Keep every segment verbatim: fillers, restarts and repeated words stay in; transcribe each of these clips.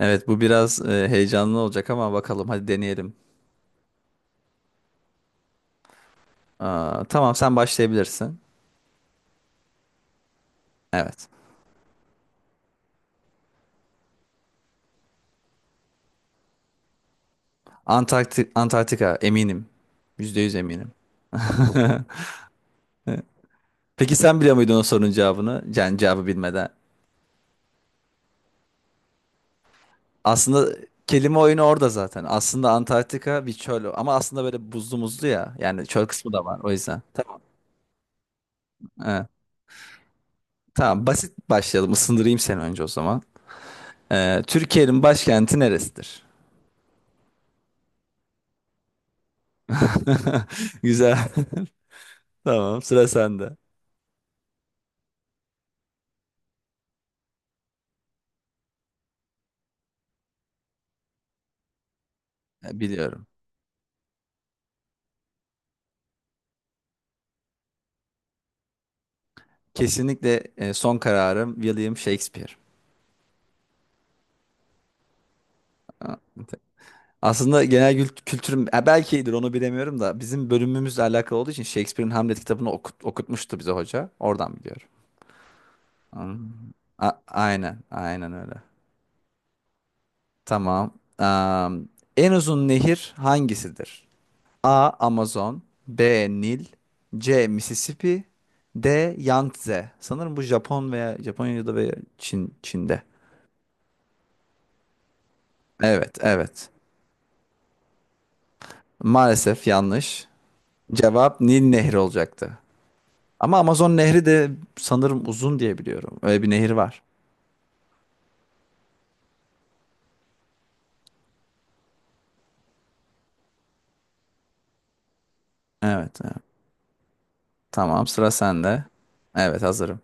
Evet bu biraz e, heyecanlı olacak ama bakalım hadi deneyelim. Aa, tamam sen başlayabilirsin. Evet. Antarktik, Antarktika eminim. yüzde yüz eminim. Peki sen biliyor muydun o sorunun cevabını? Yani cevabı bilmeden. Aslında kelime oyunu orada zaten. Aslında Antarktika bir çöl ama aslında böyle buzlu muzlu ya. Yani çöl kısmı da var o yüzden. Tamam. Evet. Tamam basit başlayalım. Isındırayım seni önce o zaman. Ee, Türkiye'nin başkenti neresidir? Güzel. Tamam, sıra sende. E, Biliyorum. Kesinlikle e, son kararım William Shakespeare. Ha. Aslında genel gül- kültürüm, e, belki iyidir onu bilemiyorum da bizim bölümümüzle alakalı olduğu için Shakespeare'in Hamlet kitabını okut- okutmuştu bize hoca. Oradan biliyorum. Hmm. A- aynen, aynen öyle. Tamam. Am, En uzun nehir hangisidir? A. Amazon, B. Nil, C. Mississippi, D. Yangtze. Sanırım bu Japon veya Japonya'da veya Çin, Çin'de. Evet, evet. Maalesef yanlış. Cevap Nil Nehri olacaktı. Ama Amazon Nehri de sanırım uzun diye biliyorum. Öyle bir nehir var. Evet, evet. Tamam, sıra sende. Evet, hazırım.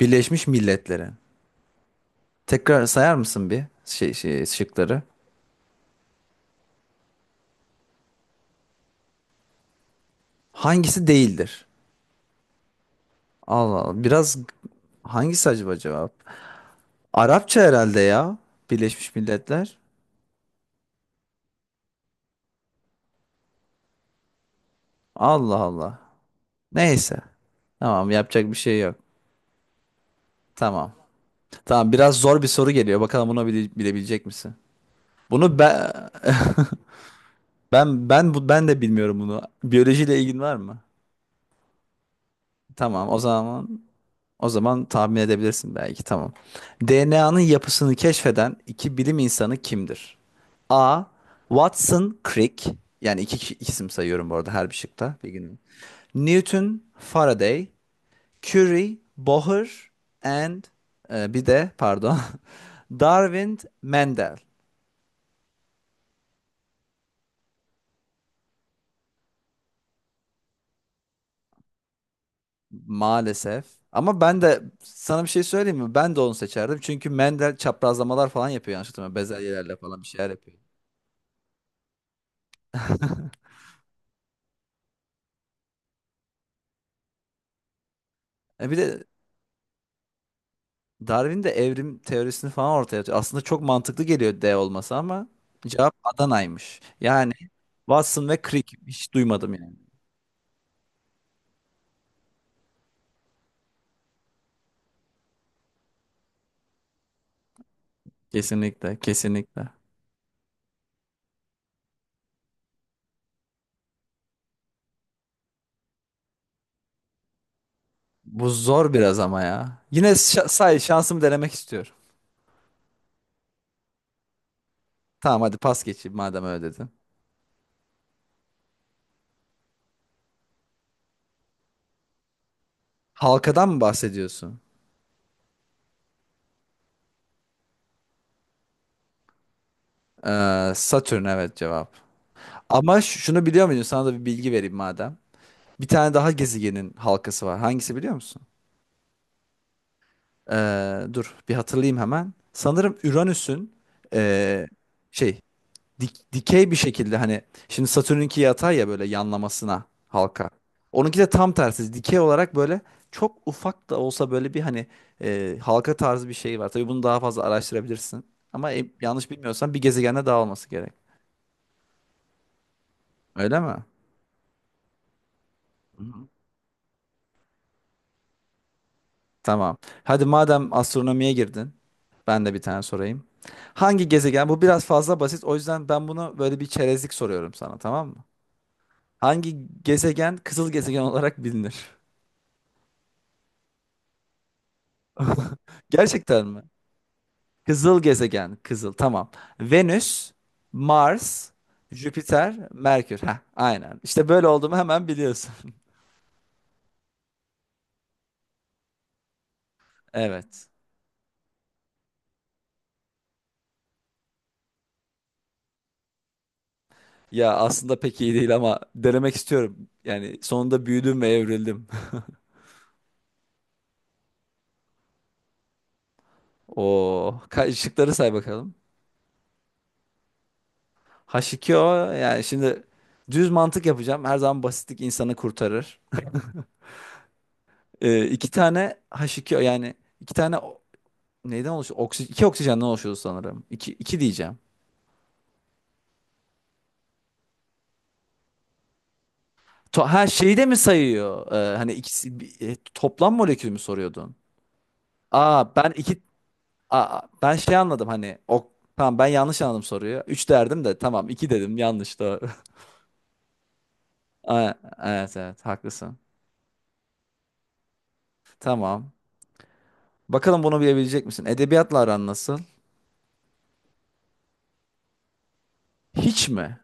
Birleşmiş Milletler'in. Tekrar sayar mısın bir şey, şey şıkları? Hangisi değildir? Allah Allah. Biraz hangisi acaba cevap? Arapça herhalde ya. Birleşmiş Milletler. Allah Allah. Neyse. Tamam, yapacak bir şey yok. Tamam. Tamam, biraz zor bir soru geliyor. Bakalım bunu bile- bilebilecek misin? Bunu ben ben ben bu ben de bilmiyorum bunu. Biyolojiyle ilgin var mı? Tamam, o zaman o zaman tahmin edebilirsin belki. Tamam. D N A'nın yapısını keşfeden iki bilim insanı kimdir? A. Watson Crick, yani iki kişi- isim sayıyorum bu arada her bir şıkta bir gün. Newton, Faraday, Curie, Bohr, and e, bir de pardon Darwin, Mendel. Maalesef. Ama ben de sana bir şey söyleyeyim mi? Ben de onu seçerdim. Çünkü Mendel çaprazlamalar falan yapıyor, yanlış hatırlamıyorum. Bezelyelerle falan bir şeyler yapıyor. E bir de Darwin de evrim teorisini falan ortaya atıyor. Aslında çok mantıklı geliyor D olması ama cevap Adana'ymış. Yani Watson ve Crick hiç duymadım yani. Kesinlikle, kesinlikle. Bu zor biraz ama ya. Yine şa- say şansımı denemek istiyorum. Tamam, hadi pas geçeyim madem öyle dedin. Halkadan mı bahsediyorsun? Ee, Satürn, evet, cevap. Ama ş- şunu biliyor muydun? Sana da bir bilgi vereyim madem. Bir tane daha gezegenin halkası var. Hangisi biliyor musun? Ee, dur bir hatırlayayım hemen. Sanırım Uranüs'ün ee, şey dik- dikey bir şekilde, hani, şimdi Satürn'ünki yatay ya, böyle yanlamasına halka. Onunki de tam tersi dikey olarak, böyle çok ufak da olsa, böyle bir, hani, ee, halka tarzı bir şey var. Tabii bunu daha fazla araştırabilirsin. Ama e, yanlış bilmiyorsam bir gezegende daha olması gerek. Öyle mi? Tamam. Hadi madem astronomiye girdin, ben de bir tane sorayım. Hangi gezegen? Bu biraz fazla basit, o yüzden ben bunu böyle bir çerezlik soruyorum sana, tamam mı? Hangi gezegen kızıl gezegen olarak bilinir? Gerçekten mi? Kızıl gezegen, kızıl. Tamam. Venüs, Mars, Jüpiter, Merkür. Heh, aynen. İşte böyle olduğumu hemen biliyorsun. Evet. Ya aslında pek iyi değil ama denemek istiyorum. Yani sonunda büyüdüm ve evrildim. Oo, Ka- şıkları say bakalım. H iki O, yani şimdi düz mantık yapacağım. Her zaman basitlik insanı kurtarır. Ee, iki tane H iki O, yani iki tane o- neyden oluşuyor? Oksi, iki oksijenden oluşuyor sanırım. İki, iki diyeceğim. To ha şeyi de mi sayıyor? Ee, hani ikisi, bi- e, toplam molekül mü soruyordun? Aa ben iki aa, ben şey anladım, hani, o tamam ben yanlış anladım soruyu. Üç derdim de, tamam, iki dedim, yanlış doğru. Aa, evet evet, haklısın. Tamam. Bakalım bunu bilebilecek misin? Edebiyatla aran nasıl? Hiç mi?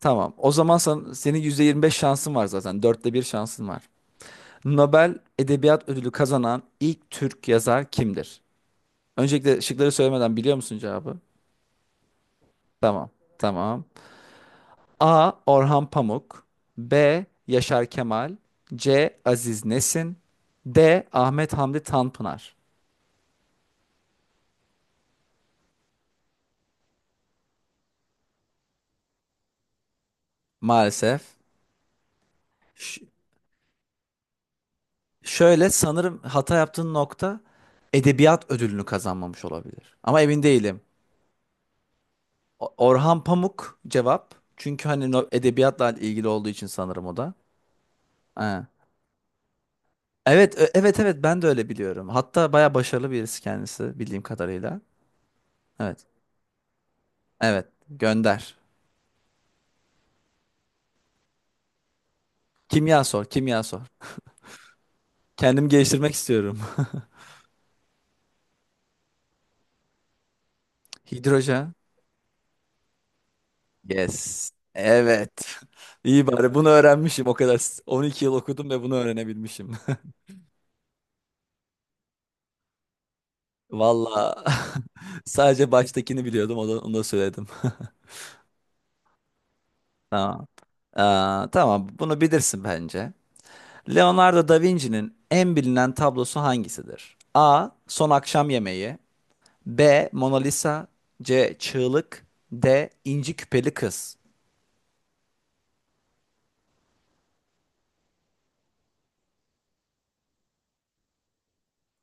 Tamam. O zaman sen, senin yüzde yirmi beş şansın var zaten. Dörtte bir şansın var. Nobel Edebiyat Ödülü kazanan ilk Türk yazar kimdir? Öncelikle şıkları söylemeden biliyor musun cevabı? Tamam. Tamam. A. Orhan Pamuk B. Yaşar Kemal C. Aziz Nesin D. Ahmet Hamdi Tanpınar. Maalesef. Ş- Şöyle, sanırım hata yaptığın nokta, edebiyat ödülünü kazanmamış olabilir. Ama emin değilim. O- Orhan Pamuk cevap. Çünkü hani no- edebiyatla ilgili olduğu için sanırım o da. Ha. Evet, ö- evet, evet ben de öyle biliyorum. Hatta baya başarılı birisi kendisi, bildiğim kadarıyla. Evet. Evet, gönder. Kimya sor, kimya sor. Kendimi geliştirmek istiyorum. Hidrojen. Yes. Evet. İyi, bari bunu öğrenmişim o kadar. on iki yıl okudum ve bunu öğrenebilmişim. Valla sadece baştakini biliyordum, onu, onu da söyledim. Tamam. Aa, tamam bunu bilirsin bence. Leonardo da Vinci'nin en bilinen tablosu hangisidir? A. Son Akşam Yemeği B. Mona Lisa C. Çığlık D. İnci Küpeli Kız.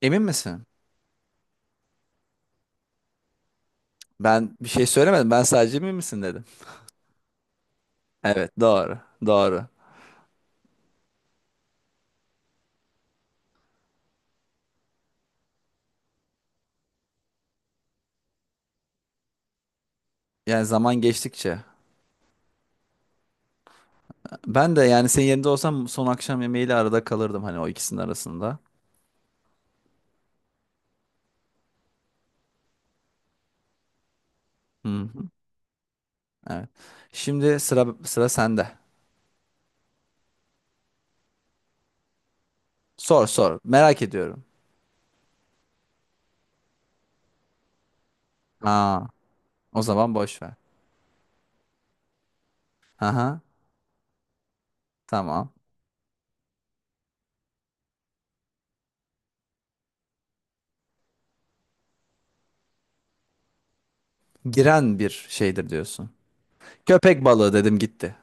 Emin misin? Ben bir şey söylemedim. Ben sadece emin misin dedim. Evet, doğru doğru. Yani zaman geçtikçe. Ben de yani senin yerinde olsam son akşam yemeğiyle arada kalırdım, hani o ikisinin arasında. Hı hı. Evet. Şimdi sıra sıra sende. Sor sor. Merak ediyorum. Aa, o zaman boş ver. Aha, tamam. Giren bir şeydir diyorsun. Köpek balığı dedim, gitti.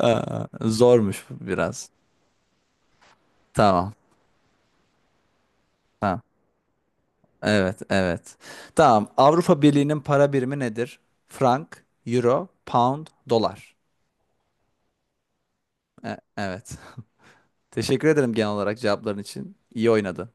Aa, zormuş biraz. Tamam. Tamam. Evet, evet. Tamam. Avrupa Birliği'nin para birimi nedir? Frank, Euro, Pound, Dolar. E- evet. Teşekkür ederim genel olarak cevapların için. İyi oynadın.